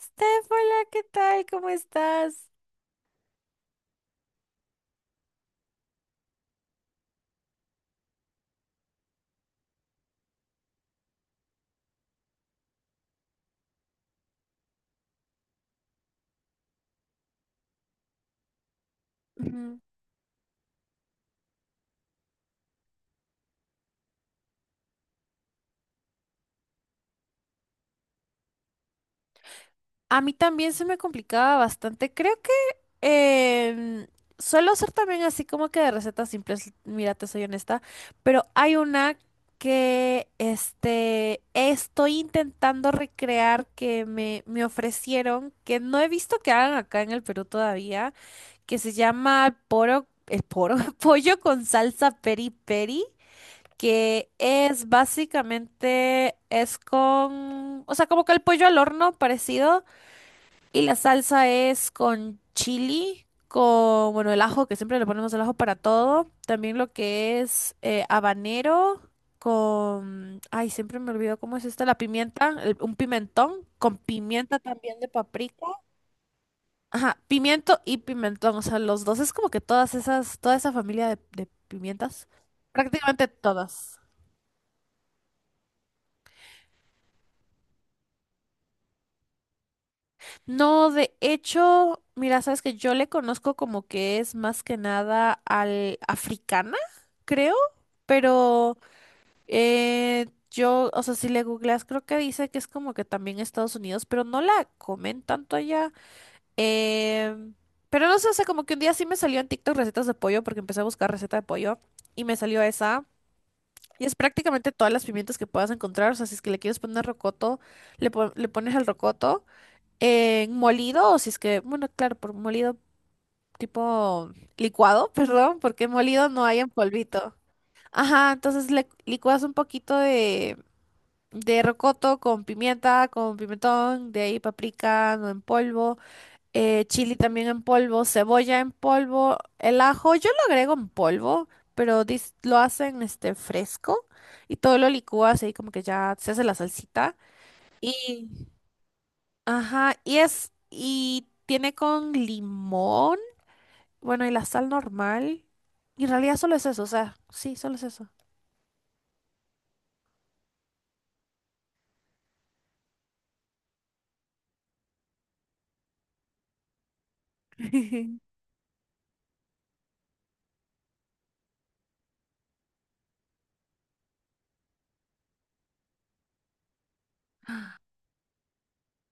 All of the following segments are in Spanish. Steph, hola, ¿qué tal? ¿Cómo estás? Mm, A mí también se me complicaba bastante. Creo que em, suelo hacer también así como que de recetas simples, mira, te soy honesta, pero hay una que estoy intentando recrear que me ofrecieron, que no he visto que hagan acá en el Perú todavía, que se llama pollo con salsa peri peri. Que es básicamente, o sea, como que el pollo al horno parecido, y la salsa es con chili, con, bueno, el ajo, que siempre le ponemos el ajo para todo, también lo que es habanero con, ay, siempre me olvido cómo es esta, la pimienta, un pimentón, con pimienta también de paprika. Ajá, pimiento y pimentón, o sea, los dos es como que todas esas, toda esa familia de pimientas, prácticamente todas. No, de hecho, mira, sabes que yo le conozco como que es más que nada al africana, creo, pero o sea, si le googleas, creo que dice que es como que también Estados Unidos, pero no la comen tanto allá. Em, pero no sé, o sea, como que un día sí me salió en TikTok recetas de pollo, porque empecé a buscar receta de pollo y me salió esa. Y es prácticamente todas las pimientas que puedas encontrar, o sea, si es que le quieres poner rocoto, le pones el rocoto. En molido, o si es que, bueno, claro, por molido tipo licuado, perdón, porque molido no hay en polvito. Ajá, entonces le licuas un poquito de rocoto con pimienta, con pimentón, de ahí paprika no en polvo, chili también en polvo, cebolla en polvo, el ajo, yo lo agrego en polvo, pero lo hacen este fresco y todo lo licúas ahí como que ya se hace la salsita. Ajá, y es, y tiene con limón, bueno, y la sal normal. Y en realidad solo es eso, o sea, sí, solo es eso.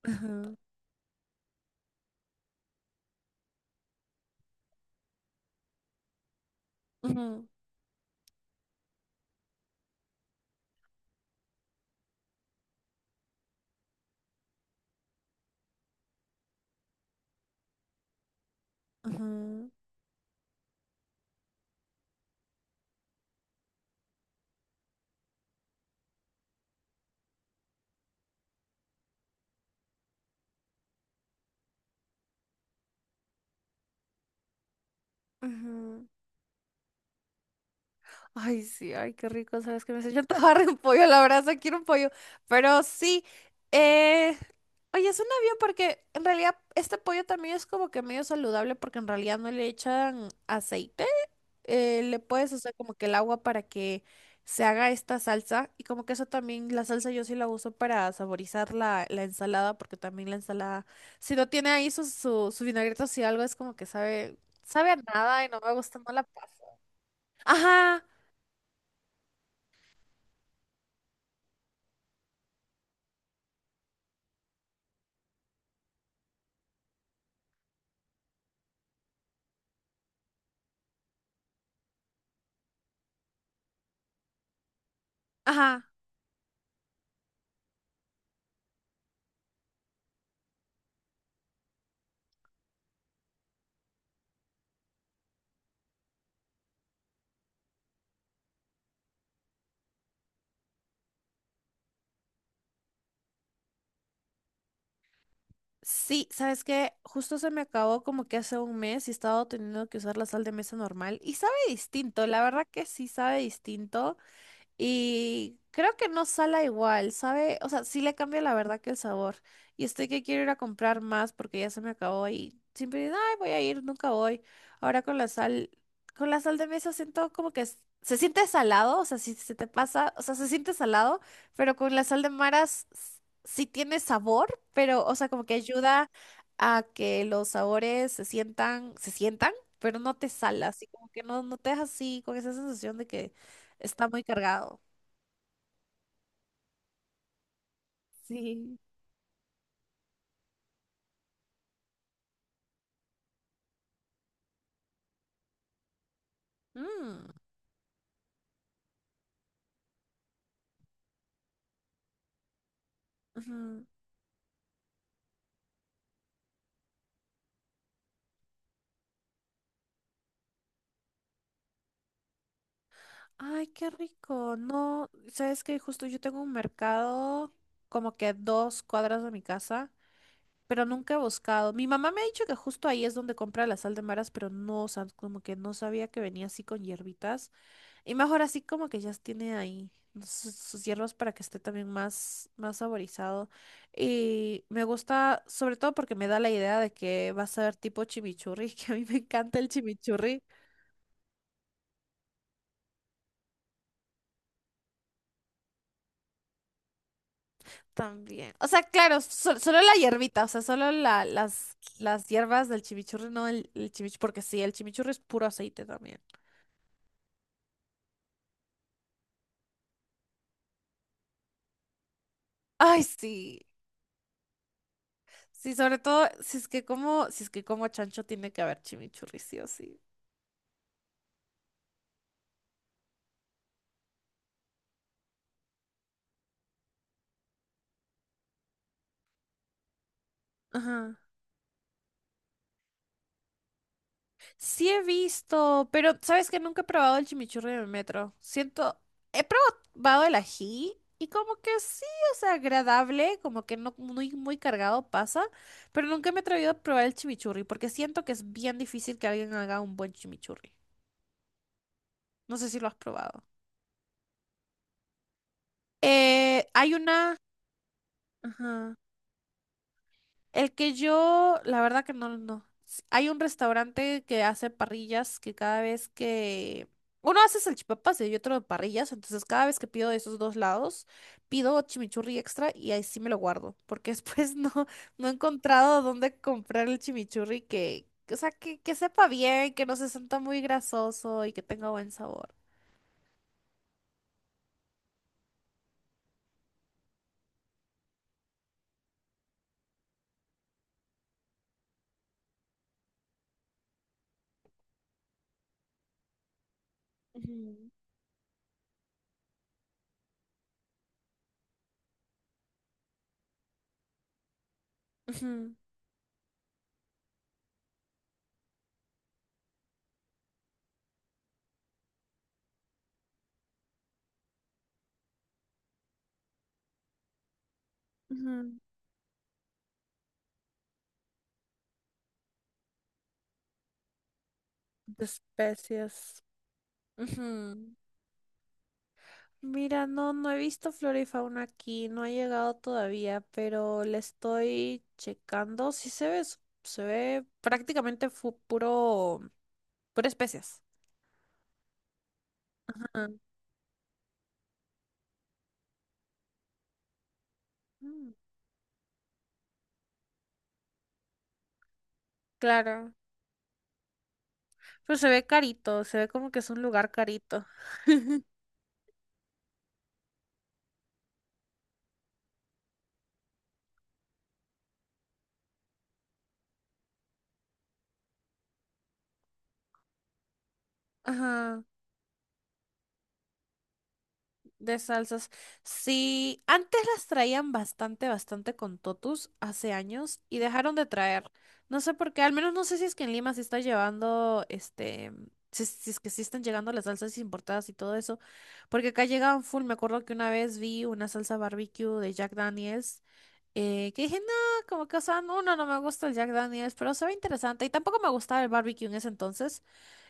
Ajá, ujú, ujú, ujú. Ay, sí, ay, qué rico, sabes que me hace. Yo estaba re un pollo, la verdad, se quiero un pollo. Pero sí, eh, oye, suena bien porque en realidad este pollo también es como que medio saludable porque en realidad no le echan aceite. Le puedes hacer como que el agua para que se haga esta salsa y como que eso también, la salsa yo sí la uso para saborizar la ensalada porque también la ensalada, si no tiene ahí su vinagreta o si algo es como que sabe, sabe a nada y no me gusta, no la paso. Ajá, ajá. Sí, ¿sabes qué? Justo se me acabó como que hace un mes y he estado teniendo que usar la sal de mesa normal y sabe distinto, la verdad que sí sabe distinto. Y creo que no sala igual, ¿sabe? O sea, sí le cambia la verdad que el sabor. Y estoy que quiero ir a comprar más porque ya se me acabó y siempre digo, ay, voy a ir, nunca voy. Ahora con la sal, Con la sal de mesa siento como que se siente salado, o sea, si se te pasa, o sea, se siente salado, pero con la sal de maras sí tiene sabor, pero, o sea, como que ayuda a que los sabores se sientan, pero no te sala, así como que no, no te deja así con esa sensación de que está muy cargado. Sí. Mm, ujú. Ay, qué rico. No, sabes que justo yo tengo un mercado como que a dos cuadras de mi casa, pero nunca he buscado. Mi mamá me ha dicho que justo ahí es donde compra la sal de maras, pero no, o sea, como que no sabía que venía así con hierbitas. Y mejor así como que ya tiene ahí sus hierbas para que esté también más saborizado. Y me gusta, sobre todo porque me da la idea de que va a ser tipo chimichurri, que a mí me encanta el chimichurri. También. O sea, claro, solo la hierbita, o sea, solo las hierbas del chimichurri, no el chimichurri, porque sí, el chimichurri es puro aceite también. Ay, sí. Sí, sobre todo, si es que como, si es que como chancho tiene que haber chimichurri, sí o sí. Ajá. Sí he visto, pero sabes que nunca he probado el chimichurri en el metro. Siento, he probado el ají y como que sí, o sea, agradable, como que no muy, muy cargado pasa, pero nunca me he atrevido a probar el chimichurri porque siento que es bien difícil que alguien haga un buen chimichurri. No sé si lo has probado. Hay una... Ajá. El que yo, la verdad que no. Hay un restaurante que hace parrillas que cada vez que... Uno hace salchipapas y otro parrillas, entonces cada vez que pido de esos dos lados, pido chimichurri extra y ahí sí me lo guardo, porque después no, no he encontrado dónde comprar el chimichurri o sea, que sepa bien, que no se sienta muy grasoso y que tenga buen sabor. Ujú, ujú, ujú, de especies. Ujú. Mira, no, no he visto flora y fauna aquí, no ha llegado todavía, pero le estoy checando. Sí se ve, se ve prácticamente puro, pura especies. Ajá. Mm, claro, pero se ve carito, se ve como que es un lugar carito. Ajá. De salsas. Sí, antes las traían bastante, bastante con Totus hace años y dejaron de traer. No sé por qué, al menos no sé si es que en Lima se está llevando, este, si es que sí están llegando las salsas importadas y todo eso, porque acá llegaban full. Me acuerdo que una vez vi una salsa barbecue de Jack Daniels, que dije, no, como que, o sea, no, no me gusta el Jack Daniels, pero se ve interesante y tampoco me gustaba el barbecue en ese entonces.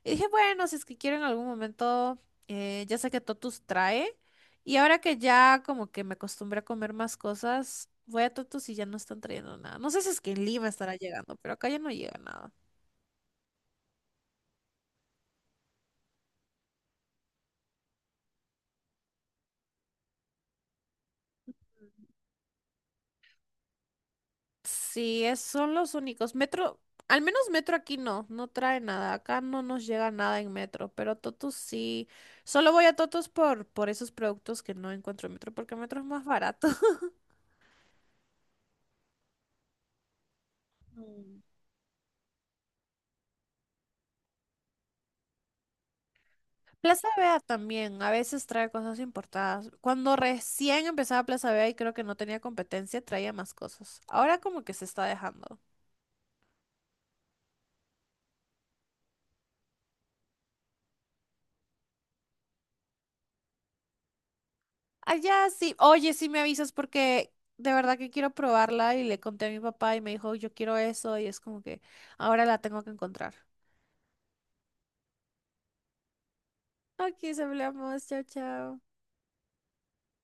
Y dije, bueno, si es que quiero en algún momento, ya sé que Totus trae, y ahora que ya como que me acostumbré a comer más cosas, voy a Totus y ya no están trayendo nada. No sé si es que en Lima estará llegando, pero acá ya no llega nada. Sí, son los únicos. Metro, al menos metro aquí no, no trae nada. Acá no nos llega nada en metro, pero Totus sí. Solo voy a Totus por esos productos que no encuentro en metro, porque metro es más barato. Mm. Plaza Vea también, a veces trae cosas importadas. Cuando recién empezaba Plaza Vea y creo que no tenía competencia, traía más cosas. Ahora como que se está dejando. Allá sí. Oye, sí me avisas porque de verdad que quiero probarla y le conté a mi papá y me dijo, yo quiero eso y es como que ahora la tengo que encontrar. Aquí hablamos. Chao, chao.